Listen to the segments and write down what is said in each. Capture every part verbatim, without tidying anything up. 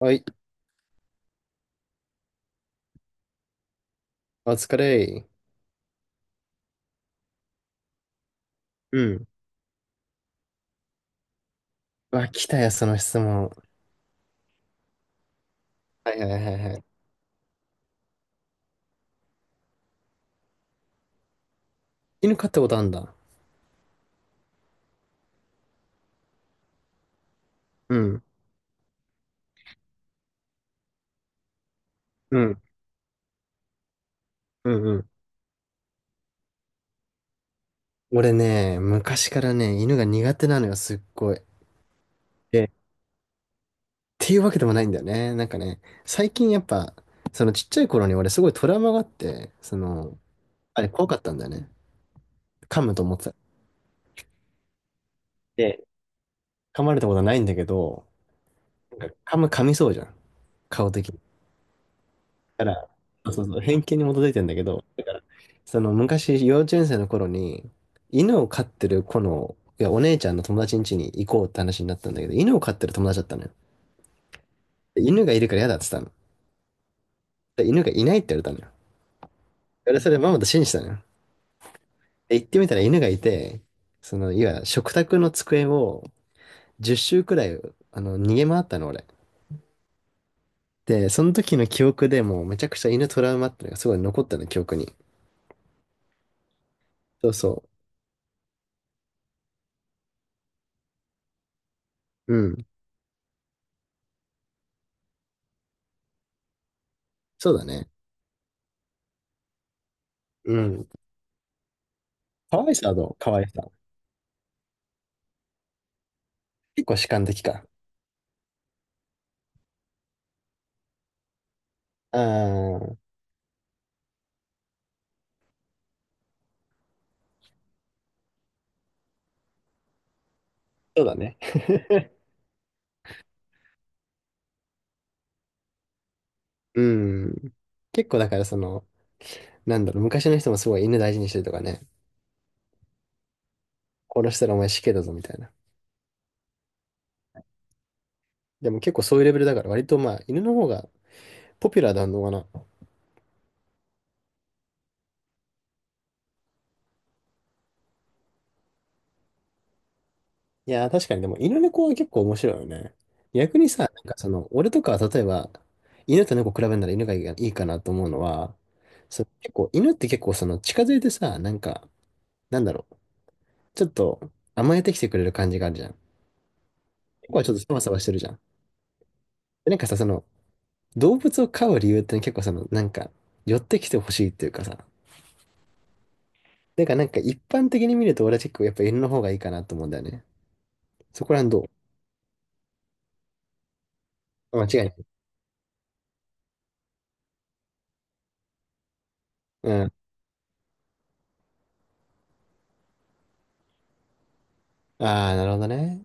はい、お疲れ。うん。あ、来たよ、その質問。はいはいはいはい。犬飼ったことあんだ。うん。うん。うんうん。俺ね、昔からね、犬が苦手なのよ、すっごい。でっていうわけでもないんだよね。なんかね、最近やっぱ、そのちっちゃい頃に俺すごいトラウマがあって、その、あれ怖かったんだよね。噛むと思ってた。で、噛まれたことはないんだけど、なんか噛む噛みそうじゃん。顔的に。だから、そうそうそう、偏見に基づいてんだけど、その昔、幼稚園生の頃に、犬を飼ってる子の、いや、お姉ちゃんの友達ん家に行こうって話になったんだけど、犬を飼ってる友達だったのよ。で犬がいるから嫌だって言ったの。で犬がいないって言われたのよ。俺それママと信じたのよ。で行ってみたら犬がいて、その、いわ、食卓の机をじゅっ周くらい、あの、逃げ回ったの、俺。で、その時の記憶でもうめちゃくちゃ犬トラウマってのがすごい残ったの、記憶に。そうそう。うん。そうだね。うん。可愛さはどう可愛さ。結構主観的か。ああ、そうだね。うん。結構だからその、なんだろう、昔の人もすごい犬大事にしてるとかね、殺したらお前死刑だぞみたいな。でも結構そういうレベルだから割とまあ犬の方がポピュラーなのかな。いやー確かにでも犬猫は結構面白いよね。逆にさ、なんかその、俺とかは例えば犬と猫比べるなら犬がいいいいかなと思うのは、その結構犬って結構その近づいてさ、なんか、なんだろう、ちょっと甘えてきてくれる感じがあるじゃん。猫はちょっとサバサバしてるじゃん。でなんかさ、その、動物を飼う理由って結構その、なんか、寄ってきてほしいっていうかさ、だかかなんか一般的に見ると俺は結構やっぱ犬の方がいいかなと思うんだよね。そこら辺どう間違いない。うん。ああ、なるほどね。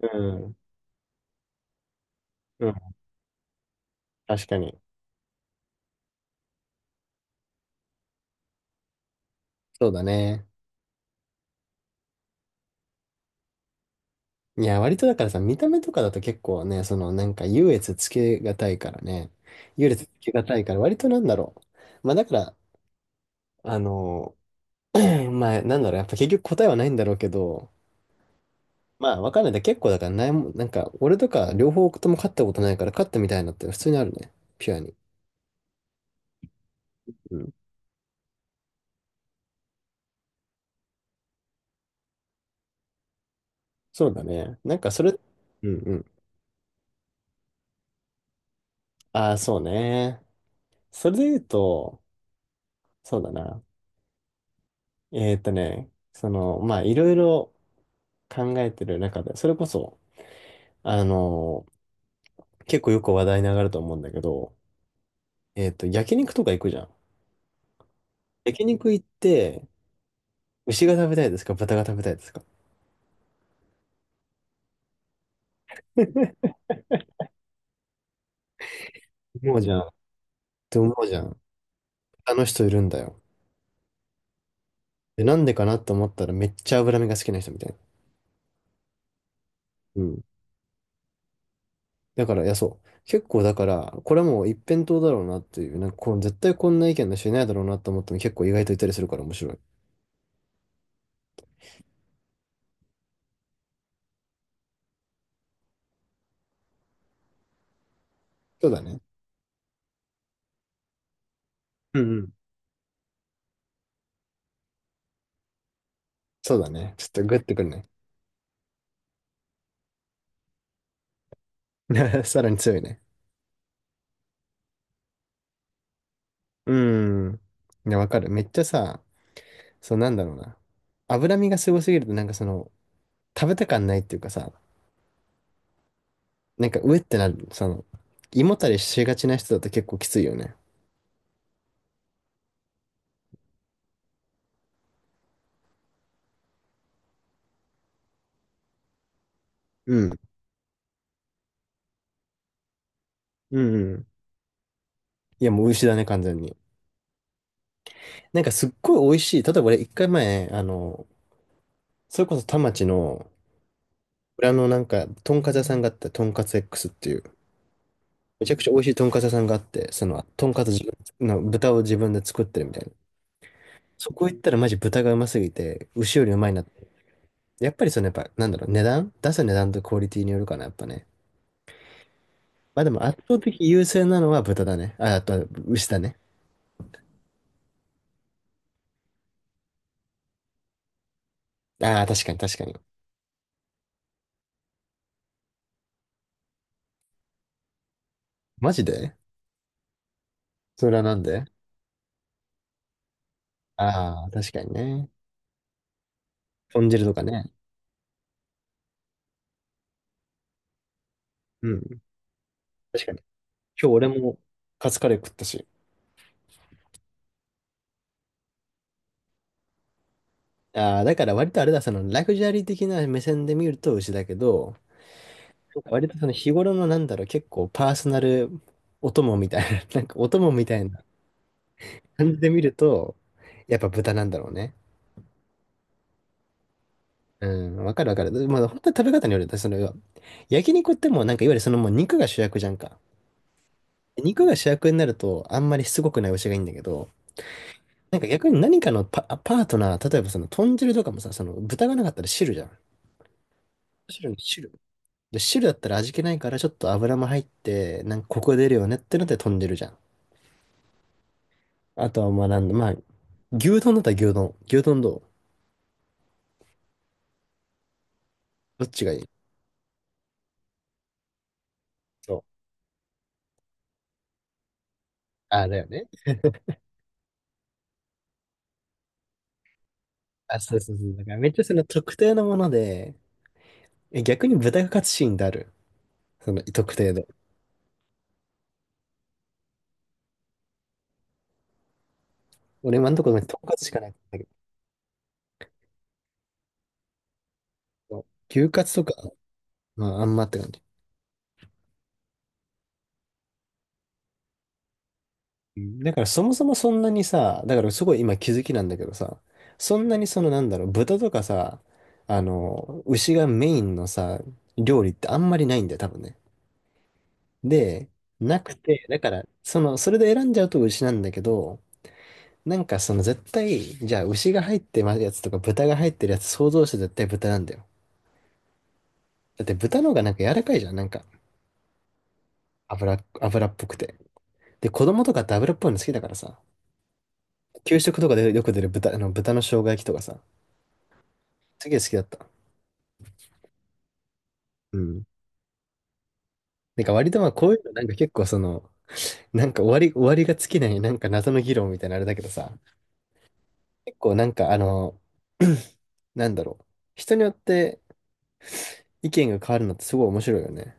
うん。うん。確かに。そうだね。いや、割とだからさ、見た目とかだと結構ね、そのなんか優劣つけがたいからね。優劣つけがたいから、割となんだろう。まあだから、あの まあなんだろう、やっぱ結局答えはないんだろうけど、まあ、わかんないだ。結構だからないも、なんか、俺とか両方とも勝ったことないから、勝ったみたいなって普通にあるね。ピュアに。うん。そうだね。なんか、それ、うんうん。ああ、そうね。それで言うと、そうだな。えーっとね、その、まあ、いろいろ考えてる中で、それこそ、あのー結構よく話題に上がると思うんだけど、えーっと、焼肉とか行くじゃん。焼肉行って、牛が食べたいですか豚が食べたいですか？ 思うじゃん。って思うじゃん。あの人いるんだよ。で、なんでかなと思ったらめっちゃ脂身が好きな人みたいな。うん。だから、いや、そう。結構だから、これはもう一辺倒だろうなっていう、なんかこう、絶対こんな意見の人いないだろうなと思っても結構意外といたりするから面白い。そうだね。うんうん。そうだね。ちょっとグッてくるね。さらに強いね。うん。いや、わかる。めっちゃさ、そうなんだろうな。脂身がすごすぎるとなんかその、食べた感ないっていうかさ、なんかうえってなる、その、胃もたれしがちな人だと結構きついよね。うん。うんうん。いや、もう牛だね、完全に。なんかすっごい美味しい。例えば俺一回前、あの、それこそ田町の裏のなんか、とんかつ屋さんがあった、とんかつ X っていう、めちゃくちゃ美味しいとんかつ屋さんがあって、その、とんかつ自分の豚を自分で作ってるみたいな。そこ行ったらマジ豚がうますぎて、牛よりうまいなって。やっぱりそのやっぱ、なんだろう、値段出す値段とクオリティによるかな、やっぱね。まあでも圧倒的優勢なのは豚だね。あ、あとは牛だね。ああ、確かに確かに。マジでそれはなんで？ああー、確かにね。豚汁とかね。うん。確かに今日俺も、カツカレー食ったし。ああ、だから割とあれだ、そのラグジュアリー的な目線で見ると牛だけど、割とその日頃のなんだろう、結構パーソナルお供みたいな、なんかお供みたいな感じで見ると、やっぱ豚なんだろうね。うん、わかるわかる。まあ本当に食べ方によるよね。その、焼肉ってもうなんかいわゆるそのもう肉が主役じゃんか。肉が主役になるとあんまりしつこくない牛がいいんだけど、なんか逆に何かのパ、パートナー、例えばその豚汁とかもさ、その豚がなかったら汁じゃん。汁、汁で、汁だったら味気ないから、ちょっと油も入って、なんかコク出るよねってので飛んでるじゃん。あとはまあなんだ、まあ、牛丼だったら牛丼。牛丼どうどっちがいい？そう。あ、だよね。あ、そうそうそう。だからめっちゃその特定のもので、え、逆に豚カツシーンである。その特定で。俺今のところ豚カツしかないんだけど、牛カツとか、まああんまって感じ。うんだからそもそもそんなにさ、だからすごい今気づきなんだけどさ、そんなにそのなんだろう、豚とかさ、あの、牛がメインのさ、料理ってあんまりないんだよ、多分ね。で、なくて、だから、その、それで選んじゃうと牛なんだけど、なんかその絶対、じゃあ牛が入ってるやつとか豚が入ってるやつ想像して絶対豚なんだよ。だって豚の方がなんか柔らかいじゃん、なんか油、油っぽくて。で、子供とかって油っぽいの好きだからさ、給食とかでよく出る豚、あの豚の生姜焼きとかさ、すげえ好きだった。うん。なんか割とまあこういうのなんか結構その、なんか終わり、終わりが尽きないなんか謎の議論みたいなあれだけどさ、結構なんかあの、なんだろう。人によって意見が変わるのってすごい面白いよね。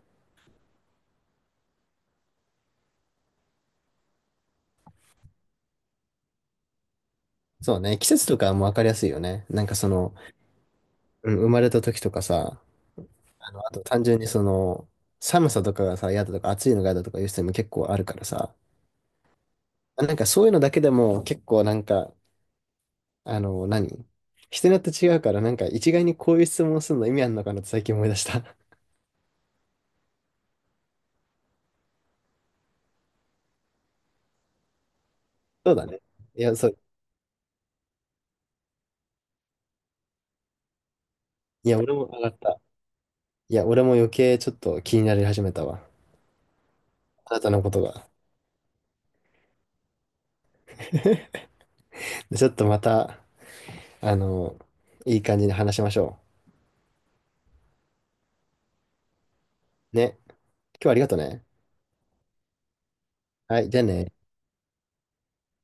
そうね。季節とかはもうわかりやすいよね。なんかその、うん、生まれた時とかさ、あの、あと単純にその、寒さとかがさ、嫌だとか暑いのが嫌だとかいう人も結構あるからさ、なんかそういうのだけでも結構なんかあの、何人によって違うから、なんか一概にこういう質問するの意味あるのかなって最近思い出した。そうだね。いや、そう。いや、俺も上がった。いや、俺も余計ちょっと気になり始めたわ。あなたのことが。でちょっとまた、あの、いい感じに話しましょう。ね。今日はありがとね。はい、じゃあね。